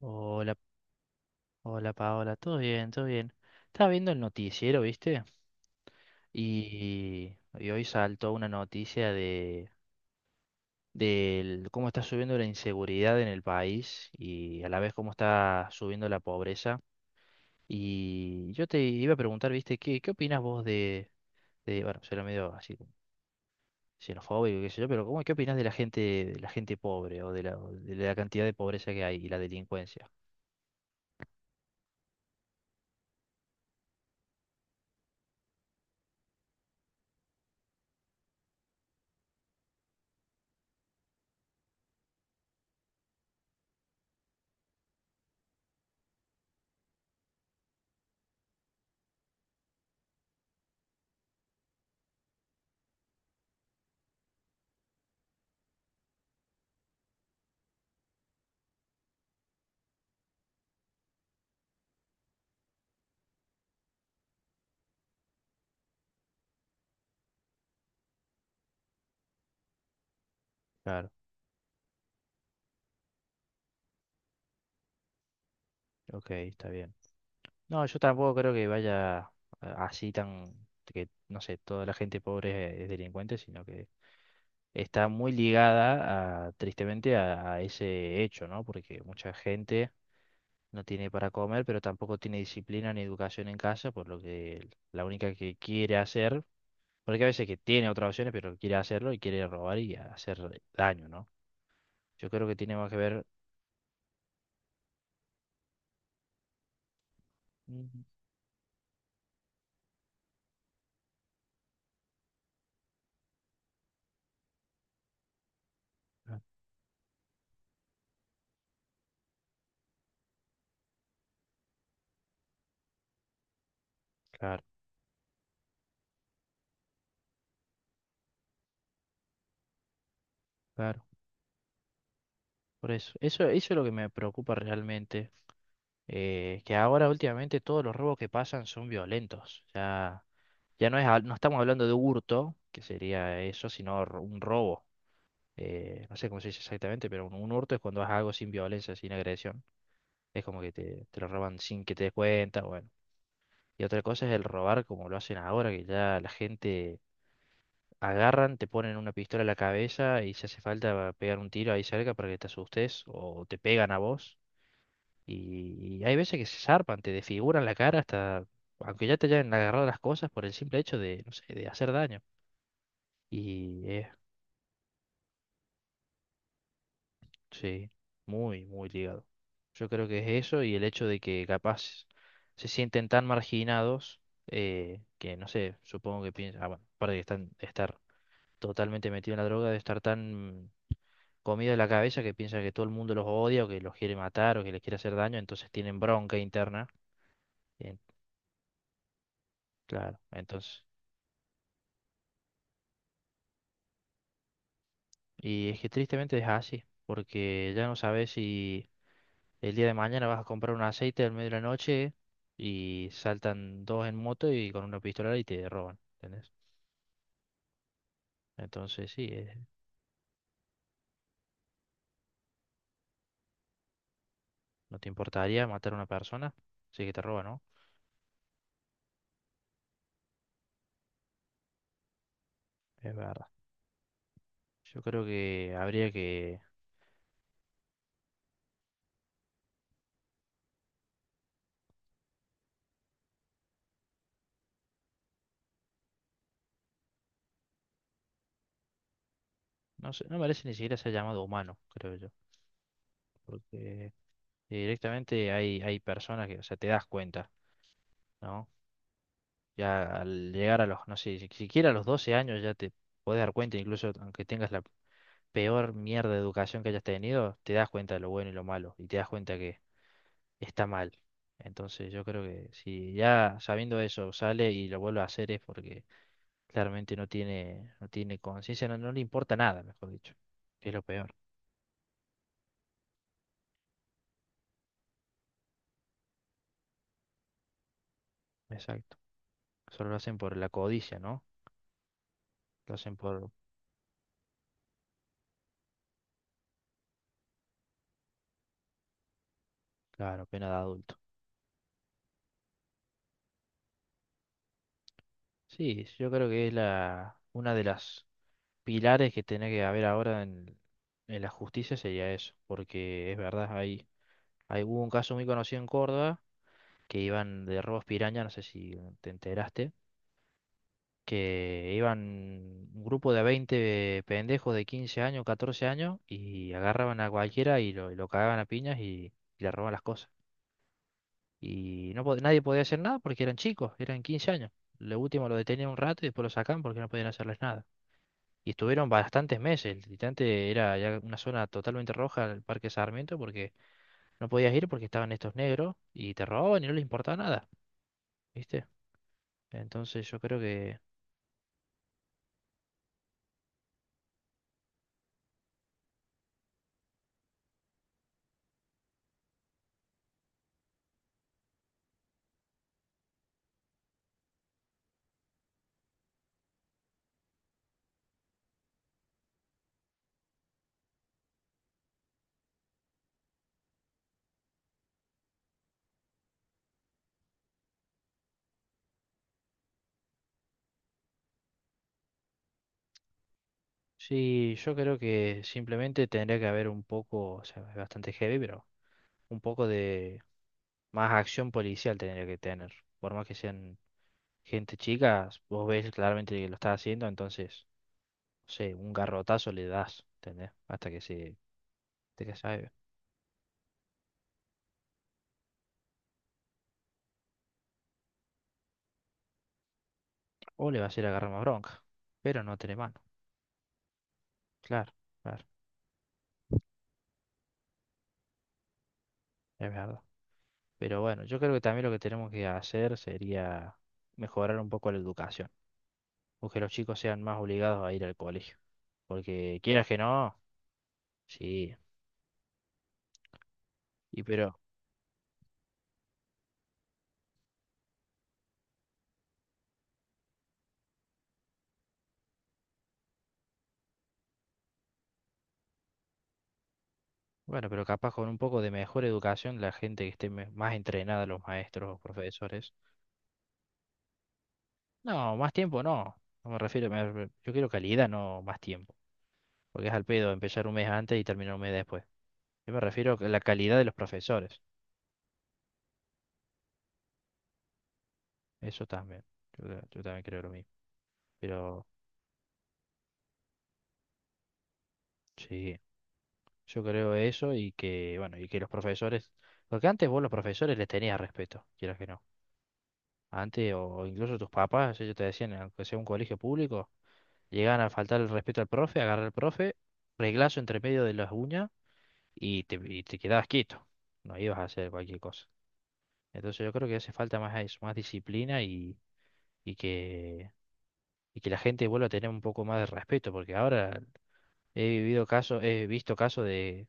Hola, hola Paola, todo bien, todo bien. Estaba viendo el noticiero, ¿viste? Y hoy saltó una noticia del cómo está subiendo la inseguridad en el país y a la vez cómo está subiendo la pobreza. Y yo te iba a preguntar, ¿viste? ¿Qué opinas vos de, bueno, será medio así como xenofóbico, qué sé yo, pero qué opinas de la gente pobre o de la cantidad de pobreza que hay y la delincuencia? Claro, ok, está bien. No, yo tampoco creo que así tan, que no sé, toda la gente pobre es delincuente, sino que está muy ligada a, tristemente a ese hecho, ¿no? Porque mucha gente no tiene para comer, pero tampoco tiene disciplina ni educación en casa, por lo que la única que quiere hacer, porque a veces que tiene otras opciones, pero quiere hacerlo y quiere robar y hacer daño, ¿no? Yo creo que tiene más que ver. Mm, ah, claro, claro. Por eso es lo que me preocupa realmente. Que ahora últimamente todos los robos que pasan son violentos. Ya, ya no no estamos hablando de hurto, que sería eso, sino un robo. No sé cómo se dice exactamente, pero un hurto es cuando haces algo sin violencia, sin agresión. Es como que te lo roban sin que te des cuenta, bueno. Y otra cosa es el robar como lo hacen ahora, que ya la gente agarran, te ponen una pistola en la cabeza y si hace falta pegar un tiro ahí cerca para que te asustes o te pegan a vos. Y hay veces que se zarpan, te desfiguran la cara hasta, aunque ya te hayan agarrado las cosas por el simple hecho de, no sé, de hacer daño. Y es, sí, muy, muy ligado. Yo creo que es eso y el hecho de que capaz se sienten tan marginados, que, no sé, supongo que piensan, ah, bueno, aparte de estar totalmente metido en la droga, de estar tan comido de la cabeza que piensan que todo el mundo los odia o que los quiere matar o que les quiere hacer daño, entonces tienen bronca interna. en- claro, entonces. Y es que tristemente es así, porque ya no sabes si el día de mañana vas a comprar un aceite al medio de la noche y saltan dos en moto y con una pistola y te roban, ¿entendés? Entonces sí, no te importaría matar a una persona, sí que te roba, ¿no? Es verdad. Yo creo que habría que, no sé, no merece ni siquiera ser llamado humano, creo yo, porque directamente hay personas que, o sea, te das cuenta, ¿no? Ya al llegar a los, no sé, siquiera a los 12 años ya te podés dar cuenta, incluso aunque tengas la peor mierda de educación que hayas tenido, te das cuenta de lo bueno y lo malo y te das cuenta que está mal. Entonces yo creo que si ya sabiendo eso sale y lo vuelve a hacer es porque claramente no tiene conciencia, no le importa nada, mejor dicho, que es lo peor. Exacto. Solo lo hacen por la codicia, ¿no? Lo hacen por, claro, pena de adulto. Sí, yo creo que es una de las pilares que tiene que haber ahora en la justicia sería eso, porque es verdad, hubo un caso muy conocido en Córdoba que iban de robos piraña, no sé si te enteraste, que iban un grupo de 20 pendejos de 15 años, 14 años y agarraban a cualquiera y lo cagaban a piñas y le robaban las cosas. Y nadie podía hacer nada porque eran chicos, eran 15 años. Lo último lo detenían un rato y después lo sacaban porque no podían hacerles nada. Y estuvieron bastantes meses. Literalmente era ya una zona totalmente roja el Parque Sarmiento porque no podías ir porque estaban estos negros y te robaban y no les importaba nada, ¿viste? Entonces yo creo que, sí, yo creo que simplemente tendría que haber un poco, o sea, es bastante heavy, pero un poco de más acción policial tendría que tener. Por más que sean gente chica, vos ves claramente que lo está haciendo, entonces, no sé, un garrotazo le das, ¿entendés? Hasta que se O le va a ir agarrar más bronca. Pero no tiene mano. Claro, claro, es verdad. Pero bueno, yo creo que también lo que tenemos que hacer sería mejorar un poco la educación. O que los chicos sean más obligados a ir al colegio. Porque quieras que no, sí. Y pero, bueno, pero capaz con un poco de mejor educación, la gente que esté más entrenada, los maestros o profesores. No, más tiempo no. No me refiero, yo quiero calidad, no más tiempo. Porque es al pedo empezar un mes antes y terminar un mes después. Yo me refiero a la calidad de los profesores. Eso también. Yo también creo lo mismo. Pero sí, yo creo eso y que, bueno, y que los profesores, porque antes vos los profesores les tenías respeto, quieras que no. Antes, o incluso tus papás, ellos te decían, aunque sea un colegio público, llegaban a faltar el respeto al profe, agarrar al profe, reglazo entre medio de las uñas y te quedabas quieto. No ibas a hacer cualquier cosa. Entonces yo creo que hace falta más eso, más disciplina y que, y que la gente vuelva a tener un poco más de respeto, porque ahora he visto casos de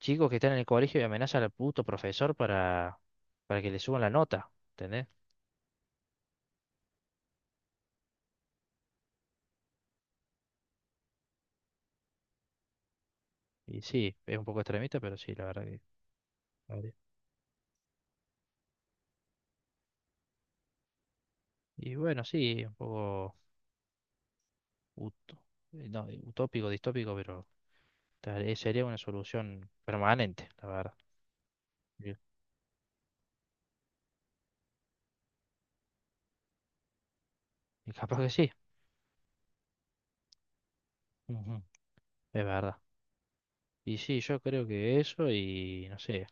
chicos que están en el colegio y amenazan al puto profesor para que le suban la nota, ¿entendés? Y sí, es un poco extremista, pero sí, la verdad que. Habría. Y bueno, sí, un poco ut- no, utópico, distópico, pero sería una solución permanente, la verdad. Bien. Y capaz que sí, ujú, es verdad. Y sí, yo creo que eso y no sé,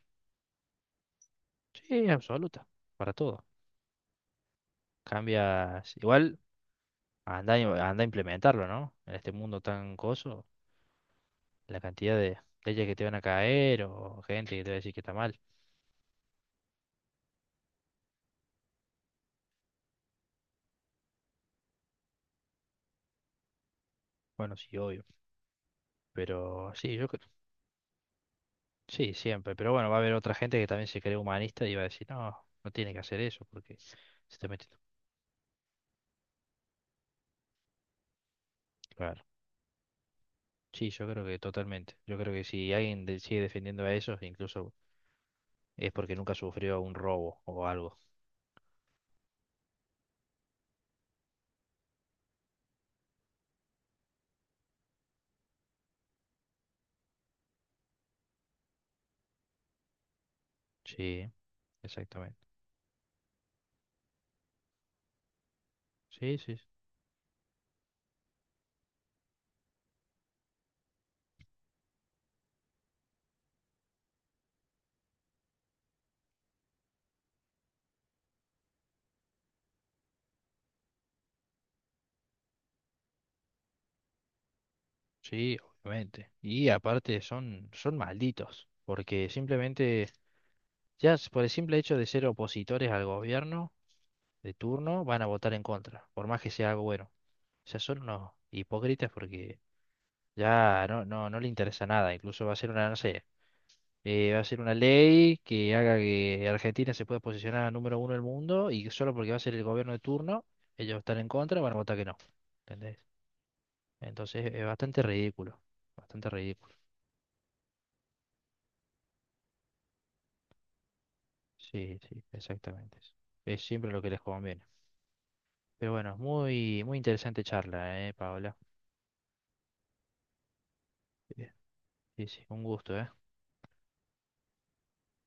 sí, absoluta, para todo. Cambia, igual. Anda a implementarlo, ¿no? En este mundo tan coso, la cantidad de leyes que te van a caer o gente que te va a decir que está mal. Bueno, sí, obvio. Pero sí, sí, siempre. Pero bueno, va a haber otra gente que también se cree humanista y va a decir, no, no tiene que hacer eso porque se está metiendo. Claro. Sí, yo creo que totalmente. Yo creo que si alguien sigue defendiendo a esos, incluso es porque nunca sufrió un robo o algo. Sí, exactamente. Sí, sí, sí. Sí, obviamente. Y aparte son malditos, porque simplemente, por el simple hecho de ser opositores al gobierno de turno, van a votar en contra, por más que sea algo bueno. O sea, son unos hipócritas porque ya no le interesa nada. Incluso va a ser una, no sé, va a ser una ley que haga que Argentina se pueda posicionar a número uno del mundo y que solo porque va a ser el gobierno de turno, ellos están en contra, van a votar que no. ¿Entendés? Entonces es bastante ridículo, bastante ridículo. Sí, sí, exactamente, eso. Es siempre lo que les conviene. Pero bueno, muy, muy interesante charla, Paola. Sí, sí, un gusto, ¿eh?